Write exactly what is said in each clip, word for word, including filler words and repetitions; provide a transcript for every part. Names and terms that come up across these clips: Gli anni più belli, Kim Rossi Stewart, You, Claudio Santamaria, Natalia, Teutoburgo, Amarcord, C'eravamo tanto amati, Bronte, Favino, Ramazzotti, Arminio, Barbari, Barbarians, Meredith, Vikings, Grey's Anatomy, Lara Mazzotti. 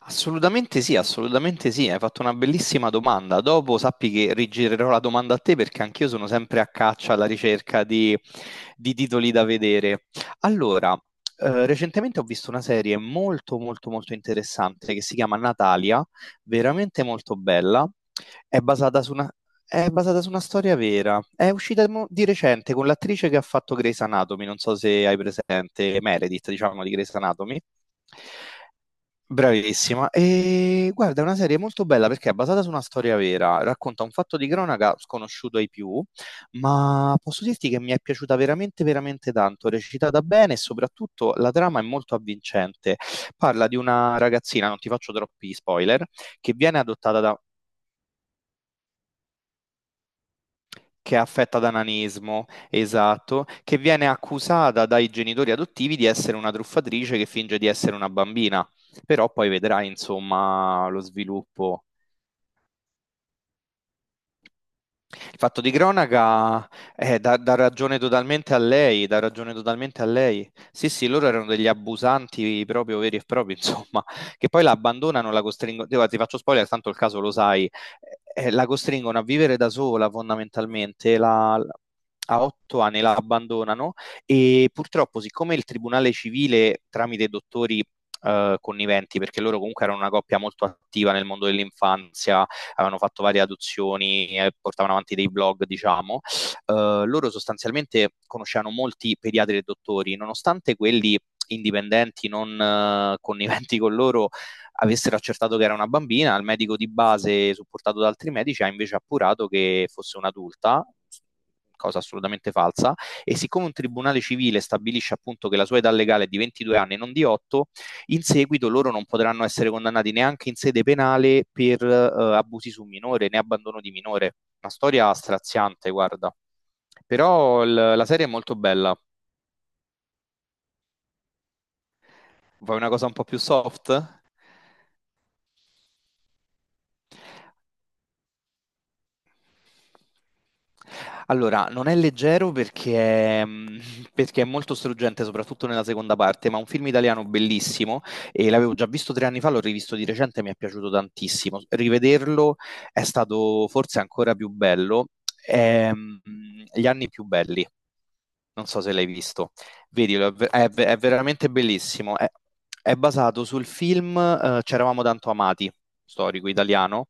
Assolutamente sì, assolutamente sì, hai fatto una bellissima domanda. Dopo sappi che rigirerò la domanda a te perché anch'io sono sempre a caccia alla ricerca di, di titoli da vedere. Allora, eh, recentemente ho visto una serie molto molto molto interessante che si chiama Natalia, veramente molto bella. È basata su una, è basata su una storia vera. È uscita mo- di recente con l'attrice che ha fatto Grey's Anatomy, non so se hai presente Meredith, diciamo, di Grey's Anatomy. Bravissima. E guarda, è una serie molto bella perché è basata su una storia vera, racconta un fatto di cronaca sconosciuto ai più, ma posso dirti che mi è piaciuta veramente, veramente tanto, recitata bene e soprattutto la trama è molto avvincente. Parla di una ragazzina, non ti faccio troppi spoiler, che viene adottata da... che è affetta da nanismo, esatto, che viene accusata dai genitori adottivi di essere una truffatrice che finge di essere una bambina, però poi vedrai, insomma, lo sviluppo. Il fatto di cronaca eh, dà, dà ragione totalmente a lei, dà ragione totalmente a lei. Sì, sì, loro erano degli abusanti proprio veri e propri, insomma, che poi la abbandonano, la costringono, guarda, ti faccio spoiler, tanto il caso lo sai, eh, la costringono a vivere da sola fondamentalmente, la- a otto anni la abbandonano e purtroppo siccome il tribunale civile tramite dottori eh, conniventi, perché loro comunque erano una coppia molto attiva nel mondo dell'infanzia, avevano fatto varie adozioni e portavano avanti dei blog, diciamo, eh, loro sostanzialmente conoscevano molti pediatri e dottori, nonostante quelli indipendenti non eh, conniventi con loro avessero accertato che era una bambina, il medico di base supportato da altri medici ha invece appurato che fosse un'adulta, cosa assolutamente falsa, e siccome un tribunale civile stabilisce appunto che la sua età legale è di ventidue anni e non di otto, in seguito loro non potranno essere condannati neanche in sede penale per eh, abusi su minore né abbandono di minore. Una storia straziante, guarda. Però l- la serie è molto bella. Vuoi una cosa un po' più soft? Allora, non è leggero perché è, mh, perché è molto struggente, soprattutto nella seconda parte, ma è un film italiano bellissimo e l'avevo già visto tre anni fa, l'ho rivisto di recente e mi è piaciuto tantissimo. Rivederlo è stato forse ancora più bello, è, mh, gli anni più belli. Non so se l'hai visto. Vedilo, è, ve- è ve- è veramente bellissimo. È, è basato sul film eh, C'eravamo tanto amati, storico italiano.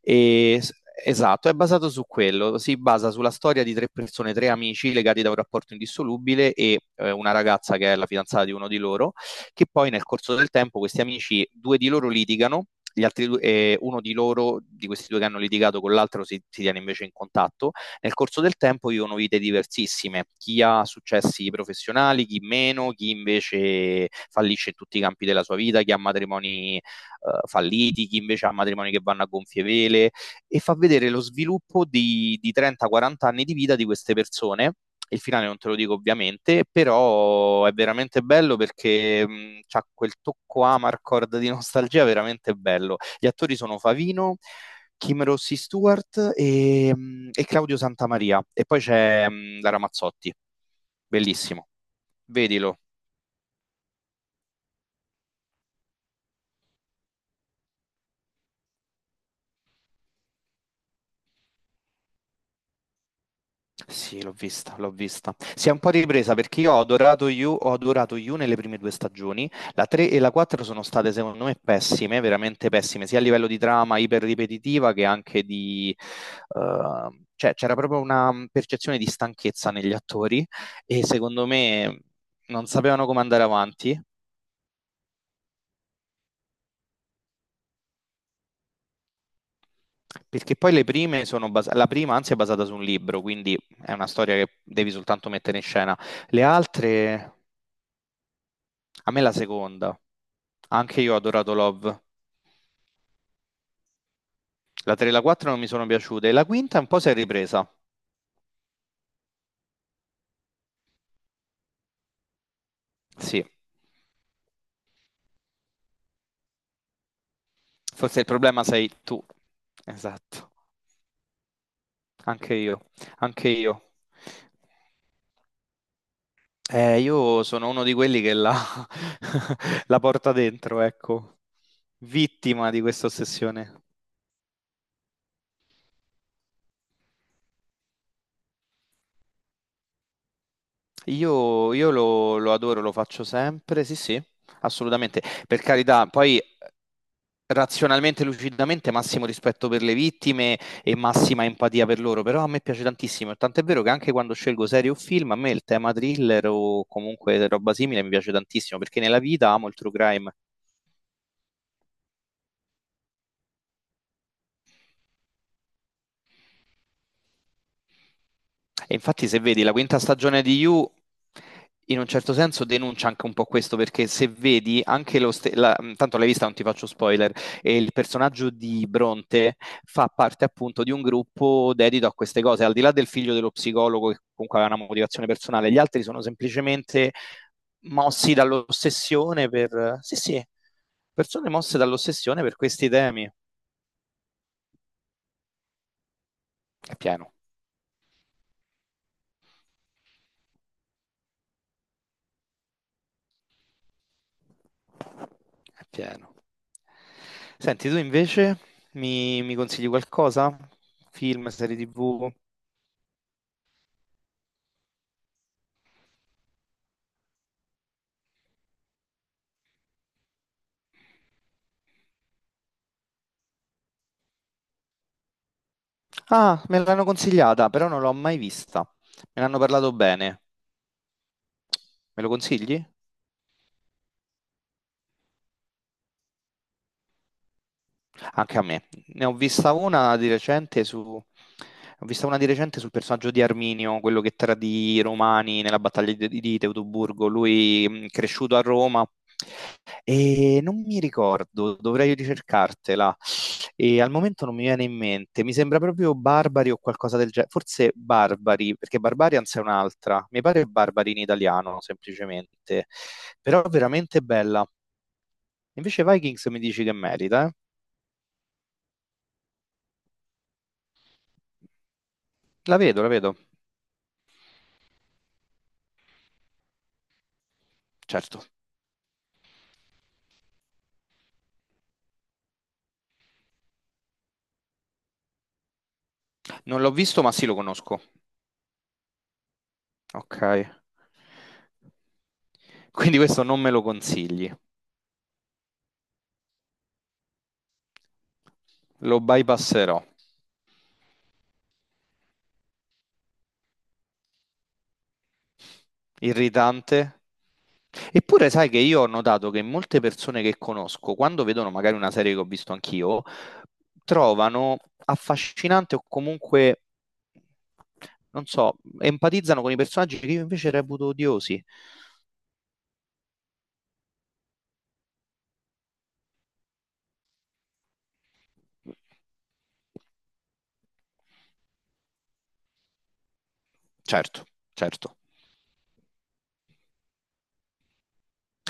E, s- esatto, è basato su quello. Si basa sulla storia di tre persone, tre amici legati da un rapporto indissolubile e eh, una ragazza che è la fidanzata di uno di loro, che poi nel corso del tempo questi amici, due di loro litigano. Gli altri due, eh, uno di loro, di questi due che hanno litigato con l'altro, si, si tiene invece in contatto nel corso del tempo vivono vite diversissime, chi ha successi professionali, chi meno, chi invece fallisce in tutti i campi della sua vita, chi ha matrimoni eh, falliti, chi invece ha matrimoni che vanno a gonfie vele e fa vedere lo sviluppo di, di trenta quaranta anni di vita di queste persone. Il finale non te lo dico ovviamente, però è veramente bello perché mh, ha quel tocco Amarcord di nostalgia veramente bello. Gli attori sono Favino, Kim Rossi Stewart e, e Claudio Santamaria. E poi c'è mh, Lara Mazzotti. Bellissimo. Vedilo. Sì, l'ho vista, l'ho vista. Si è un po' ripresa perché io ho adorato You, ho adorato You nelle prime due stagioni. La tre e la quattro sono state, secondo me, pessime, veramente pessime, sia a livello di trama iperripetitiva che anche di... eh, cioè, c'era proprio una percezione di stanchezza negli attori e secondo me non sapevano come andare avanti. Perché poi le prime sono basate, la prima anzi è basata su un libro, quindi è una storia che devi soltanto mettere in scena. Le altre, a me la seconda, anche io ho adorato Love. La tre e la quattro non mi sono piaciute, e la quinta un po' si è ripresa. Sì, forse il problema sei tu. Esatto, anche io, anche io. Eh, io sono uno di quelli che la, la porta dentro, ecco, vittima di questa ossessione. Io, io lo, lo adoro, lo faccio sempre, sì, sì, assolutamente. Per carità, poi eh, razionalmente, lucidamente, massimo rispetto per le vittime e massima empatia per loro, però a me piace tantissimo, tant'è vero che anche quando scelgo serie o film, a me il tema thriller o comunque roba simile mi piace tantissimo, perché nella vita amo il true crime. E infatti, se vedi la quinta stagione di You, in un certo senso denuncia anche un po' questo, perché se vedi anche lo stesso, tanto l'hai vista, non ti faccio spoiler, e il personaggio di Bronte fa parte appunto di un gruppo dedito a queste cose, al di là del figlio dello psicologo che comunque aveva una motivazione personale, gli altri sono semplicemente mossi dall'ossessione per... Sì, sì, persone mosse dall'ossessione per questi temi. È pieno. È pieno. Senti, tu invece mi, mi consigli qualcosa? Film, serie T V? Ah, me l'hanno consigliata, però non l'ho mai vista. Me l'hanno parlato bene. Me lo consigli? Anche a me. Ne ho vista una di recente su... Ho vista una di recente sul personaggio di Arminio, quello che tradì i Romani nella battaglia di, di Teutoburgo. Lui mh, cresciuto a Roma e non mi ricordo, dovrei ricercartela. E al momento non mi viene in mente. Mi sembra proprio Barbari o qualcosa del genere. Forse Barbari, perché Barbarians è un'altra. Mi pare Barbari in italiano, semplicemente. Però veramente bella. Invece Vikings mi dici che merita, eh? La vedo, la vedo. Certo, non l'ho visto, ma sì, lo conosco. Ok. Quindi questo non me lo consigli, lo bypasserò. Irritante. Eppure sai che io ho notato che molte persone che conosco, quando vedono magari una serie che ho visto anch'io, trovano affascinante o comunque, non so, empatizzano con i personaggi che io invece reputo odiosi. Certo, certo.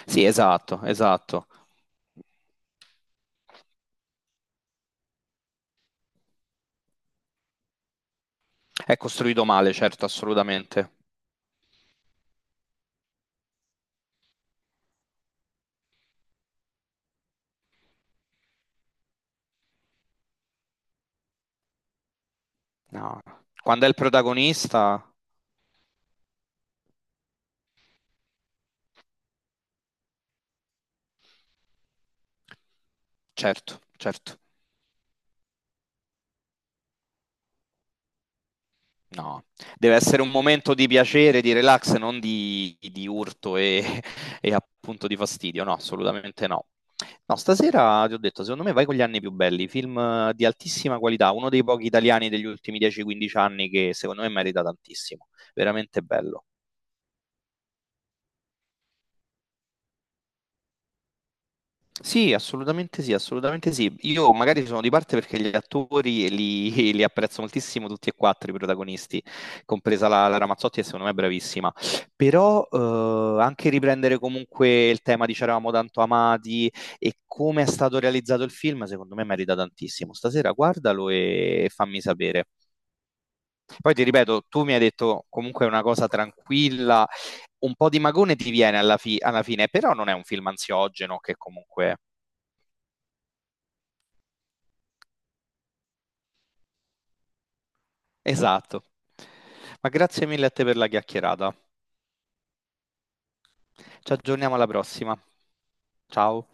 Sì, esatto, esatto. È costruito male, certo, assolutamente. No, quando è il protagonista, certo, certo, no. Deve essere un momento di piacere, di relax, non di, di urto e, e appunto di fastidio. No, assolutamente no. No, stasera ti ho detto, secondo me vai con gli anni più belli, film eh, di altissima qualità, uno dei pochi italiani degli ultimi dieci quindici anni che secondo me merita tantissimo, veramente bello. Sì, assolutamente sì, assolutamente sì. Io magari sono di parte perché gli attori li, li apprezzo moltissimo tutti e quattro i protagonisti, compresa la, la Ramazzotti, che secondo me è bravissima. Però eh, anche riprendere comunque il tema di C'eravamo tanto amati e come è stato realizzato il film, secondo me merita tantissimo. Stasera guardalo e fammi sapere. Poi ti ripeto, tu mi hai detto comunque è una cosa tranquilla, un po' di magone ti viene alla, fi- alla fine, però non è un film ansiogeno che comunque... Esatto. Ma grazie mille a te per la chiacchierata. Ci aggiorniamo alla prossima. Ciao.